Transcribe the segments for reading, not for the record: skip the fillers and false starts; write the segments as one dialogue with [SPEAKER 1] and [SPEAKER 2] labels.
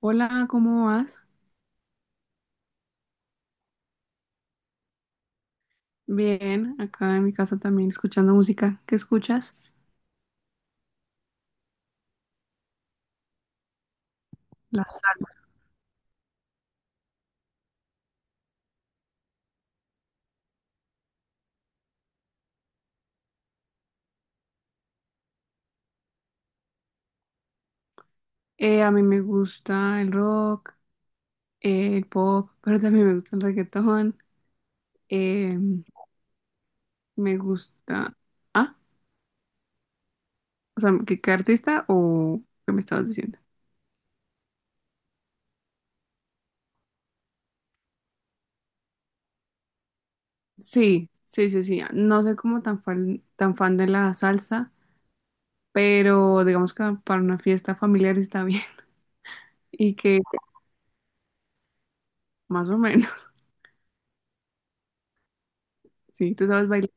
[SPEAKER 1] Hola, ¿cómo vas? Bien, acá en mi casa también escuchando música. ¿Qué escuchas? Las. A mí me gusta el rock, el pop, pero también me gusta el reggaetón. eh, me gusta... Ah, o sea, ¿qué artista o qué me estabas diciendo? Sí, sí, sí, sí. No soy como tan fan de la salsa, pero digamos que para una fiesta familiar está bien y que más o menos. Sí, ¿tú sabes bailar?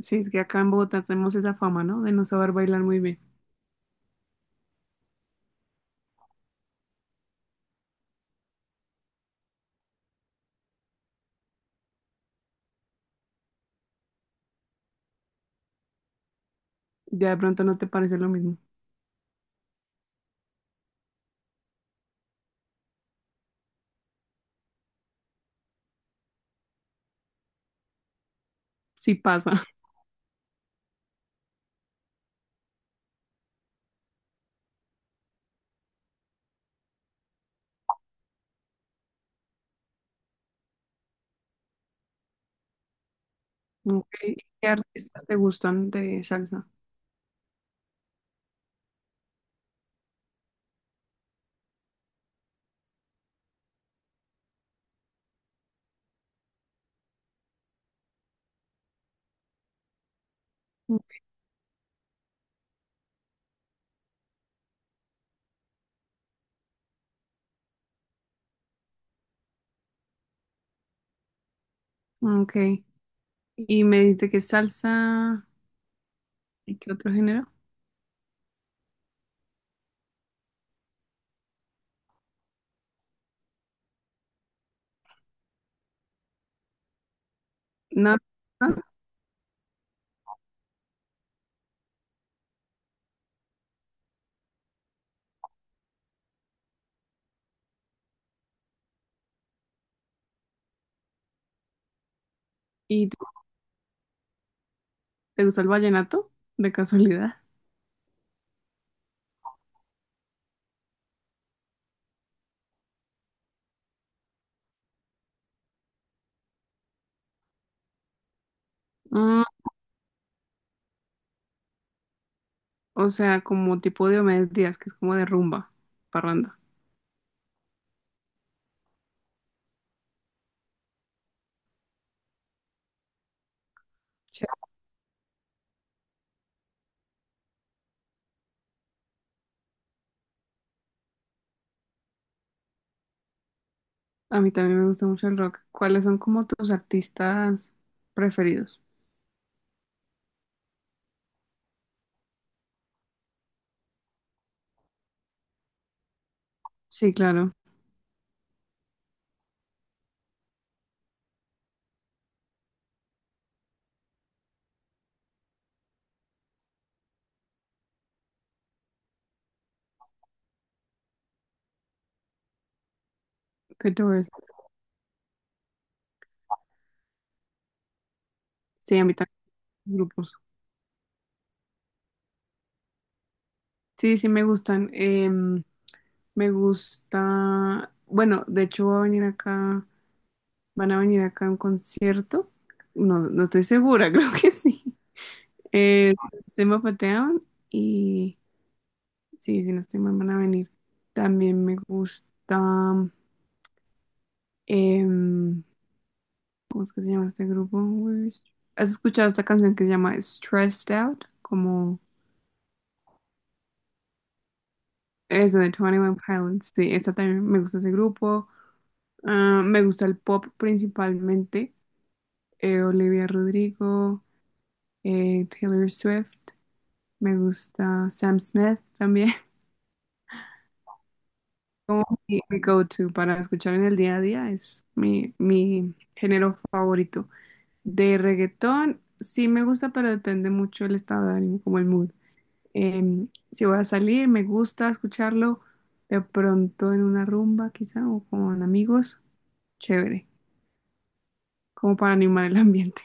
[SPEAKER 1] Sí, es que acá en Bogotá tenemos esa fama, ¿no? De no saber bailar muy bien. Ya de pronto no te parece lo mismo. Sí pasa. Ok. ¿Qué artistas te gustan de salsa? Ok. Y me dijiste que salsa. ¿Y qué otro género? No. ¿No? No. ¿Y te gusta el vallenato? De casualidad. Mm, o sea, como tipo de Diomedes Díaz, que es como de rumba, parranda. Chévere. A mí también me gusta mucho el rock. ¿Cuáles son como tus artistas preferidos? Sí, claro. ¿Qué te voy a decir? Sí, a mí también. Grupos. Sí, sí me gustan. Me gusta, bueno, de hecho va a venir acá, van a venir acá a un concierto. No, no estoy segura, creo que sí. Eh, System of a Down y sí, si no estoy mal van a venir. También me gusta, em, ¿cómo es que se llama este grupo? ¿Has escuchado esta canción que se llama Stressed Out? Como es de Twenty One Pilots. Sí, esta también me gusta ese grupo. Ah, me gusta el pop principalmente. Olivia Rodrigo, Taylor Swift. Me gusta Sam Smith también. Como mi go-to para escuchar en el día a día es mi género favorito. De reggaetón, sí me gusta, pero depende mucho el estado de ánimo, como el mood. Si voy a salir, me gusta escucharlo de pronto en una rumba, quizá, o con amigos. Chévere, como para animar el ambiente.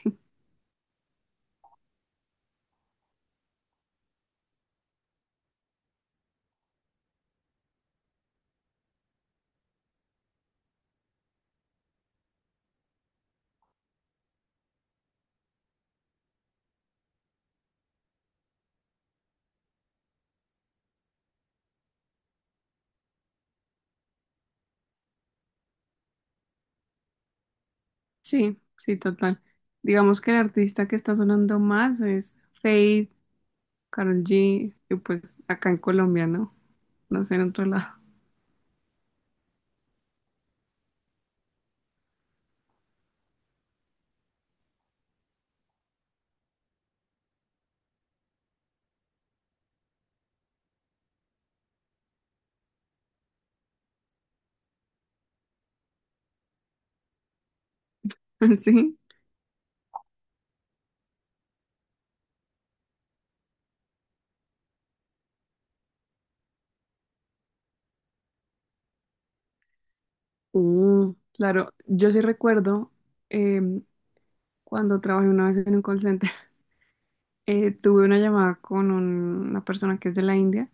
[SPEAKER 1] Sí, sí, total. Digamos que el artista que está sonando más es Fade, Karol G, y pues acá en Colombia, ¿no? No sé, en otro lado. Sí. Mm, claro, yo sí recuerdo em, cuando trabajé una vez en un call center, tuve una llamada con una persona que es de la India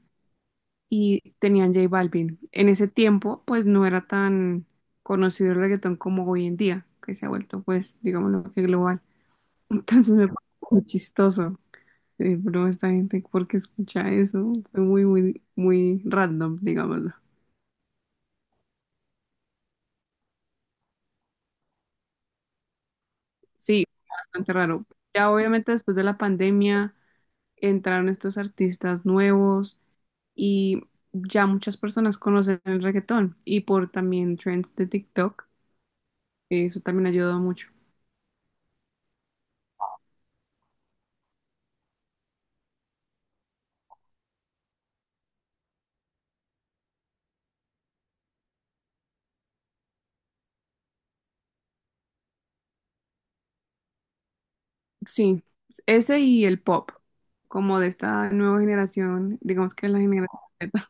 [SPEAKER 1] y tenían J Balvin. En ese tiempo, pues no era tan conocido el reggaetón como hoy en día, que se ha vuelto, pues, digamos, lo que global. Entonces me pareció muy chistoso. Sí, pero esta gente, ¿por qué escucha eso? Fue muy, muy, muy random, digámoslo. Sí, bastante raro. Ya obviamente después de la pandemia entraron estos artistas nuevos y ya muchas personas conocen el reggaetón y por también trends de TikTok, eso también ayudó mucho. Sí, ese y el pop, como de esta nueva generación, digamos que es la generación Z,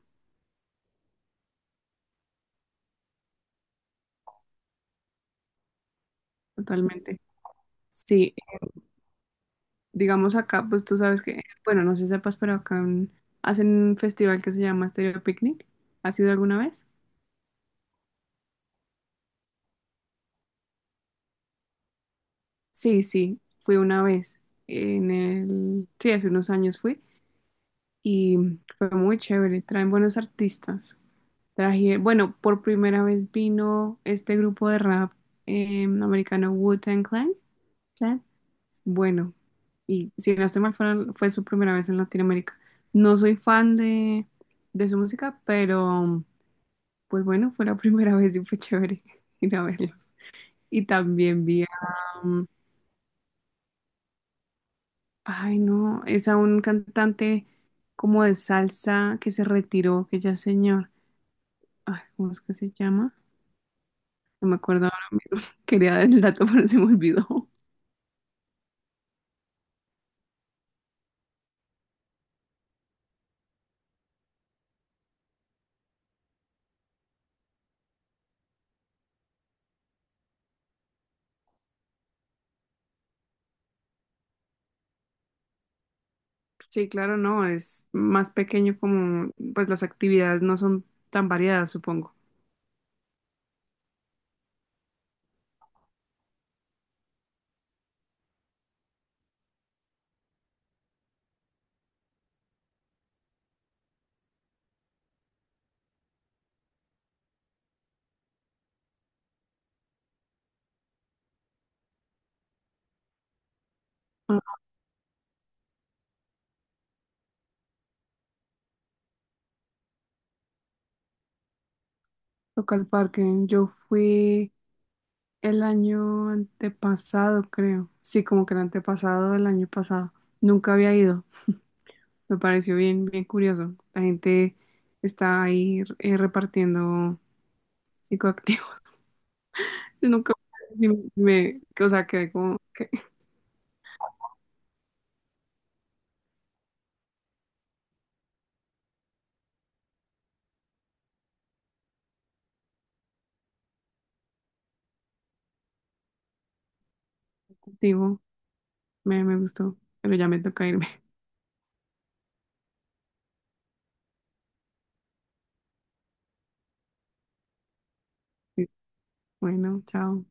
[SPEAKER 1] totalmente. Sí, digamos acá, pues tú sabes que, bueno, no sé si sepas, pero hacen un festival que se llama Stereo Picnic. ¿Has ido alguna vez? Sí, sí, fui una vez. En el, sí, hace unos años fui y fue muy chévere. Traen buenos artistas. Traje, bueno, por primera vez vino este grupo de rap americano Wu-Tang Clan. Clan. Bueno, y si no estoy mal, fue su primera vez en Latinoamérica. No soy fan de su música, pero pues bueno, fue la primera vez y fue chévere ir a verlos. Y también vi a, um, ay no, es a un cantante como de salsa que se retiró, que ya es señor. Ay, ¿cómo es que se llama? No me acuerdo ahora mismo. Quería dar el dato, pero se me olvidó. Sí, claro, no, es más pequeño como, pues las actividades no son tan variadas, supongo. Ah, toca el parque. Yo fui el año antepasado, creo. Sí, como que el antepasado del año pasado. Nunca había ido. Me pareció bien, bien curioso. La gente está ahí repartiendo psicoactivos. Nunca sí me, o sea, quedé como que digo, me gustó, pero ya me toca irme. Bueno, chao.